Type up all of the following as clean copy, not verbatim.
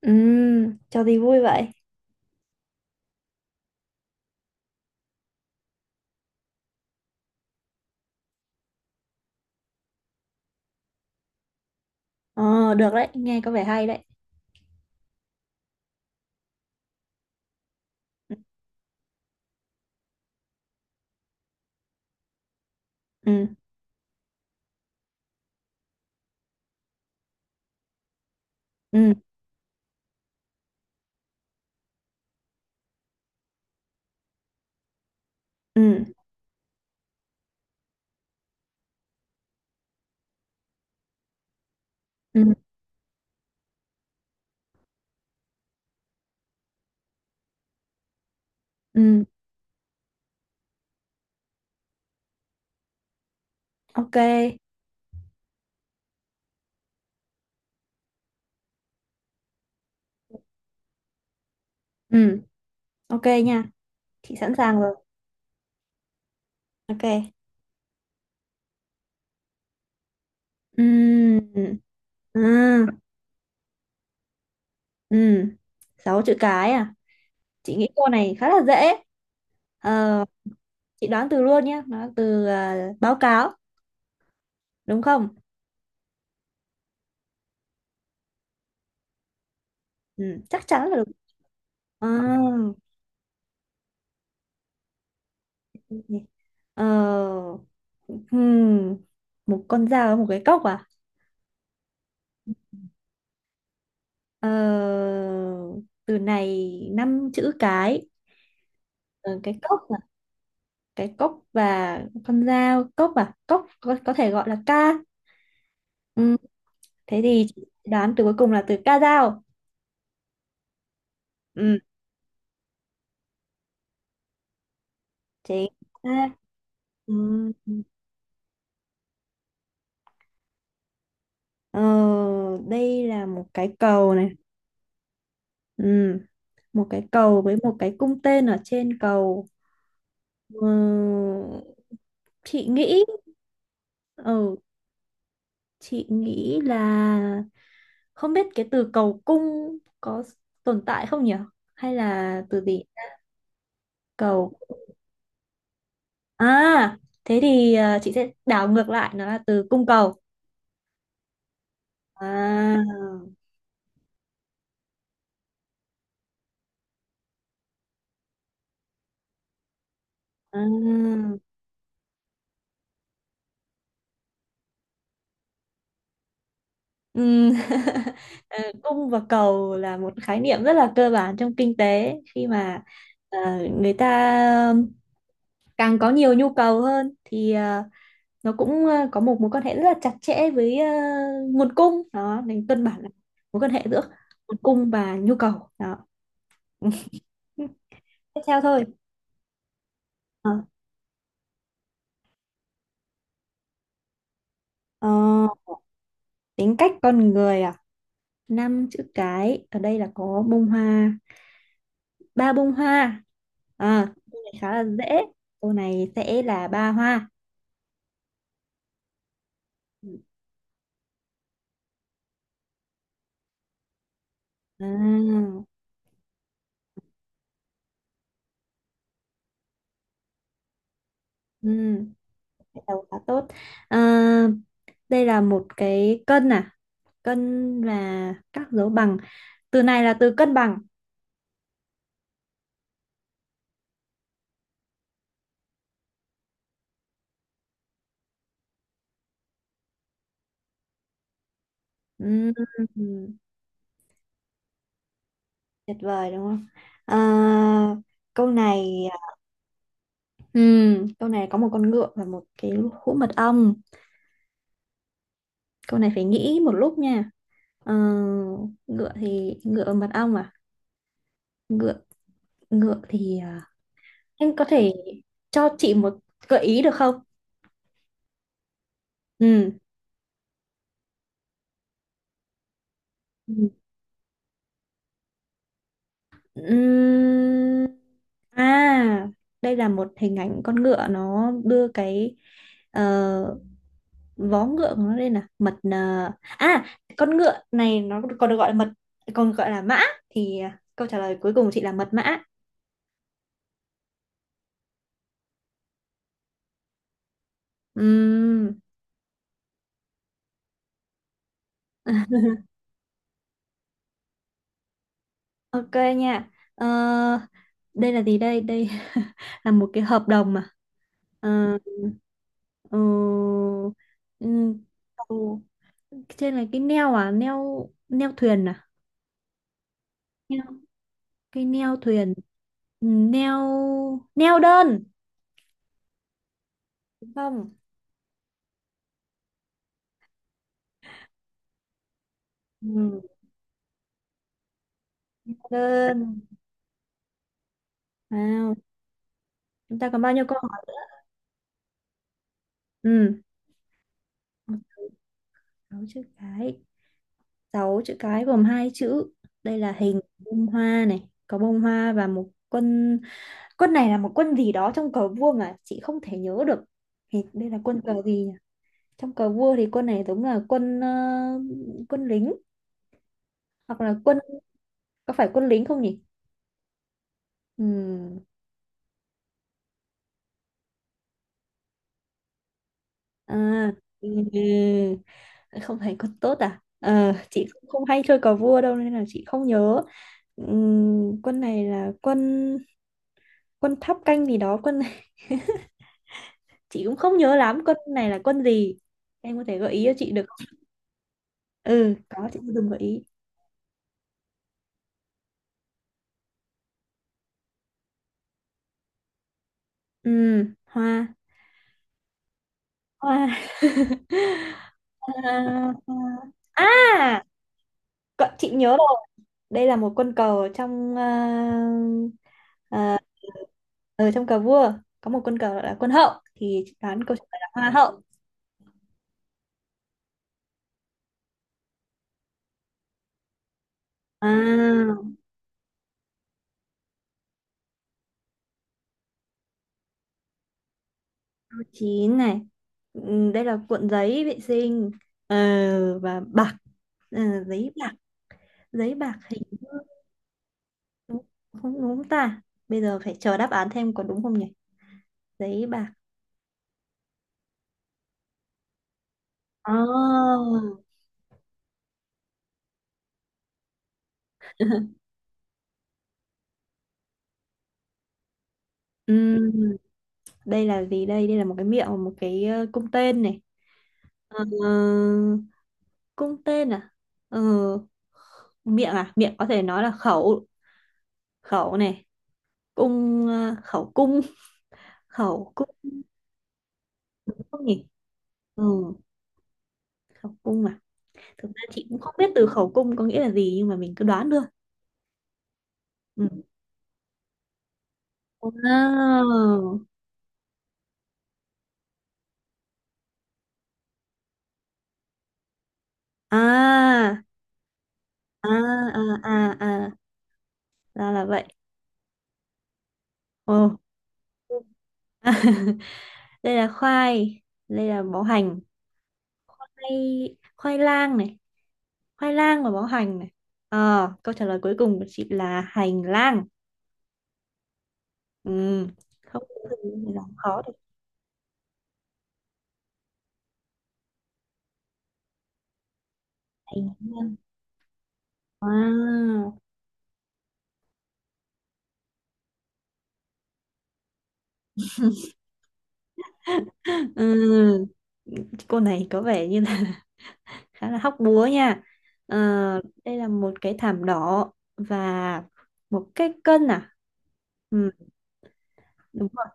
Ừ, cho đi vui vậy. Ờ, được đấy, nghe có vẻ hay đấy. Ừ, ừ, ừ, ừ, ừ, ừ, ok. Ừ, ok nha. Chị sẵn sàng rồi. Ok. Ừ, ừ, ừ. Sáu chữ cái à? Chị nghĩ câu này khá là dễ. Ờ, chị đoán từ luôn nhé. Nó từ báo cáo, đúng không? Ừ, chắc chắn là đúng. Ờ, ok. ờ, hmm, Một con dao và một cái cốc à? Ờ, từ này năm chữ cái. Ờ, cái cốc à? Cái cốc và con dao. Cốc à? Cốc có thể gọi là ca. Ừ. Thế thì chị đoán từ cuối cùng là từ ca dao. Ừ. Chính xác. Ừ. ờ, Đây là một cái cầu này. Ừ. Một cái cầu với một cái cung tên ở trên cầu. Ừ. Chị nghĩ. Ừ. Chị nghĩ là không biết cái từ cầu cung có tồn tại không nhỉ? Hay là từ gì? Cầu. À, thế thì chị sẽ đảo ngược lại nó là từ cung cầu. À. À. Ừm, ờ, cung và cầu là một khái niệm rất là cơ bản trong kinh tế, khi mà ờ, người ta ờ, càng có nhiều nhu cầu hơn thì nó cũng có một mối quan hệ rất là chặt chẽ với nguồn cung đó, nên cân bản là mối quan hệ giữa nguồn cung và nhu cầu đó. Tiếp theo thôi. Ờ, ờ, Tính cách con người à, năm chữ cái, ở đây là có bông hoa, ba bông hoa. Câu này khá là dễ. Câu này sẽ là ba hoa. à, ừ, cái đầu khá tốt. à, Đây là một cái cân à, cân là các dấu bằng. Từ này là từ cân bằng. Ừm, tuyệt vời đúng không? À, câu này câu này có một con ngựa và một cái hũ mật ong. Câu này phải nghĩ một lúc nha. Ờ, ngựa thì ngựa và mật ong à? Ngựa. ngựa thì à, anh có thể cho chị một gợi ý được không? Ừ. Ừm. À, đây là một hình ảnh con ngựa, nó đưa cái ờ, vó ngựa của nó. Đây là mật à? À, con ngựa này nó còn được gọi là mật, còn gọi là mã. Thì câu trả lời cuối cùng của chị là mật mã. Ừm, ok nha. Ờ, đây là gì đây đây là một cái hợp đồng mà. Ờ, ờ, ừm, cầu- trên là cái neo à, neo neo thuyền à, neo, cái neo thuyền. Neo. Neo đơn, đúng không? Ừm, đơn. Wow. Chúng ta còn bao nhiêu câu hỏi? Ừ, một sáu chữ cái. Sáu chữ cái gồm hai chữ. Đây là hình bông hoa này, có bông hoa và một quân. Quân này là một quân gì đó trong cờ vua mà chị không thể nhớ được. Thì đây là quân cờ gì nhỉ? Trong cờ vua thì quân này giống là quân, quân lính hoặc là quân, có phải quân lính không nhỉ? Ừ. À, ừ. Không phải quân tốt à? Ờ, chị không hay chơi cờ vua đâu nên là chị không nhớ. Quân này là quân quân tháp canh gì đó, quân chị cũng không nhớ lắm quân này là quân gì. Em có thể gợi ý cho chị được không? Ừ, có, chị sẽ dùng gợi ý. Ừ. Hoa. Hoa. Hoa, hoa. À, chị nhớ rồi. Đây là một quân cờ ờ, ở trong cờ vua có một quân cờ gọi là quân hậu, thì chị đoán câu trả lời là hoa hậu. À, câu chín này. Ừ, đây là cuộn giấy vệ sinh ờ, và bạc. Giấy bạc. Giấy bạc hình vuông, đúng không? Đúng ta, bây giờ phải chờ đáp án thêm có đúng không nhỉ. Giấy bạc. Oh. Ừm, đây là gì đây, đây là một cái miệng, một cái cung tên này. Ờ, cung tên à. Ờ, miệng à, miệng có thể nói là khẩu. Khẩu này, cung, khẩu cung. Khẩu cung, đúng không nhỉ? Ừ, khẩu cung à, thực ra chị cũng không biết từ khẩu cung có nghĩa là gì nhưng mà mình cứ đoán được. Ừ. Wow. À, à, à, à, à, ra là vậy. Ồ. Đây là khoai, đây là bó hành. Khoai, khoai lang này, khoai lang và bó hành này. Ờ, câu trả lời cuối cùng của chị là hành lang. Ừ, không có gì để làm khó được. Hành lang. Wow. Ừ, cô này có vẻ như là khá là hóc búa nha. Ờ, đây là một cái thảm đỏ và một cái cân à. Ừ, đúng rồi.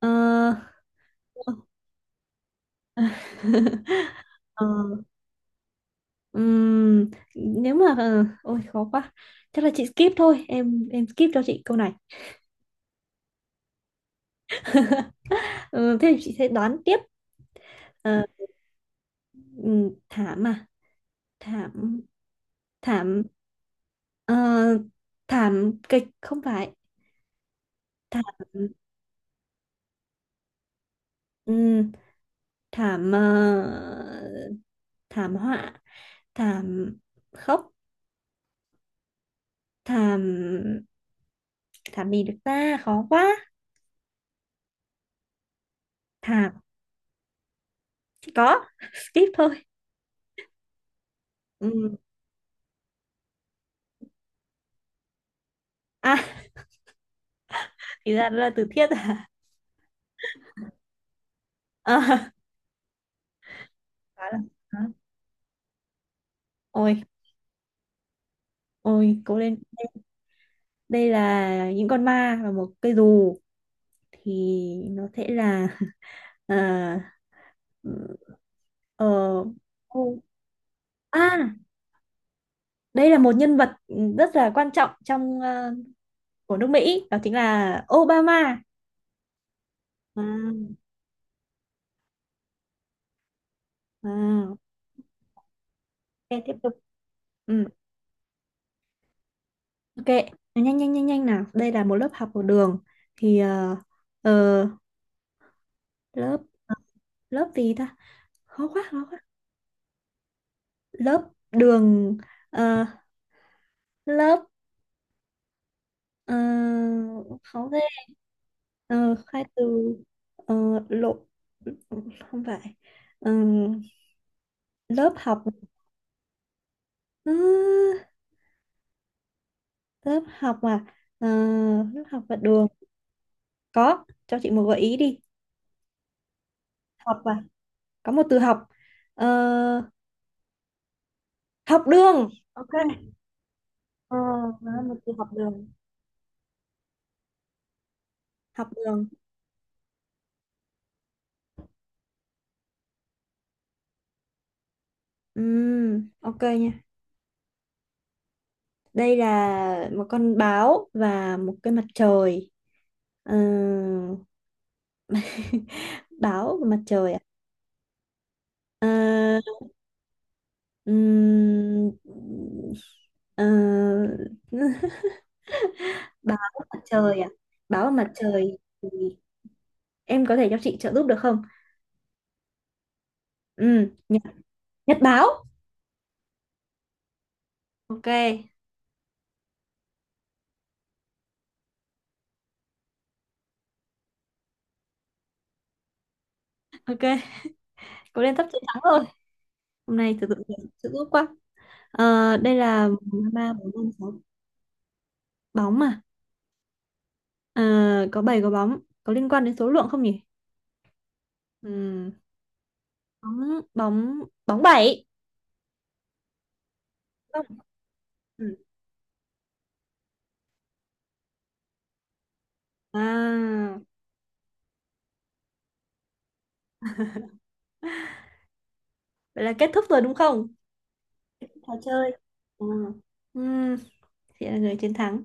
Ờ, ờ, ừm, nếu mà ôi khó quá, chắc là chị skip thôi, em skip cho chị câu này. Ờ, thế thì chị sẽ đoán tiếp. Ờ, thảm à, thảm, thảm, ờ, thảm kịch không phải, thảm. Ừ, thảm ờ, thảm họa, thảm khóc, thảm, thảm gì được ta, khó quá, thảm, chỉ có skip thôi. Ừ. À, thì ra đó là từ thiết à. À, quá là, ôi, ôi cố lên. Đây là những con ma và một cây dù, thì nó sẽ là ờ ờ, ô- à, đây là một nhân vật rất là quan trọng trong, của nước Mỹ, đó chính là Obama. À, à, ok, tiếp tục. Ừ, ok. Nhanh nhanh nhanh nhanh nào, đây là một lớp học ở đường, thì ờ, lớp, lớp gì ta, khó quá khó quá. Lớp đường, ờ, lớp, ờ, khó ghê. Ờ, khai từ, ờ, lộ, không phải. Ờ, lớp học. Ơ, lớp học à? Ờ, lớp học và đường, có cho chị một gợi ý đi. Học à? Có một từ học. Ờ, học đường. Ok. ờ nó là một từ học đường. Học đường. Ok nha. Đây là một con báo và một cái mặt trời. Ờ, báo và mặt trời à? Ờ, ừm, ờ, báo và mặt trời à, báo và mặt trời thì em có thể cho chị trợ giúp được không? Ừ, nhật, nhật báo. Ok ok cố lên, sắp chiến thắng rồi. Hôm nay thực sự là sự ước quá. Ờ, đây là ba, bốn, năm, sáu, bóng mà. Ờ, có 7 có bóng. Có liên quan đến số lượng không nhỉ? Ừm, Bóng, bóng, bóng bảy. Không. Ừ. À, vậy là kết thúc rồi đúng không? Trò chơi. À. Ừm, chị là người chiến thắng.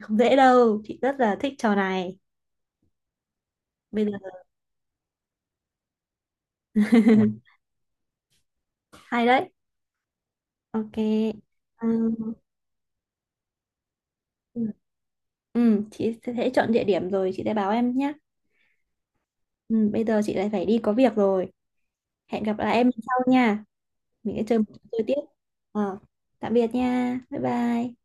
Không dễ đâu. Chị rất là thích trò này. Bây giờ hay đấy. Ok. Ờ, ừ. Ừ, chị sẽ chọn địa điểm rồi chị sẽ báo em nhé. Ừ, bây giờ chị lại phải đi có việc rồi. Hẹn gặp lại em sau nha. Mình sẽ chơi một trò chơi tiếp. Ờ, tạm biệt nha. Bye bye.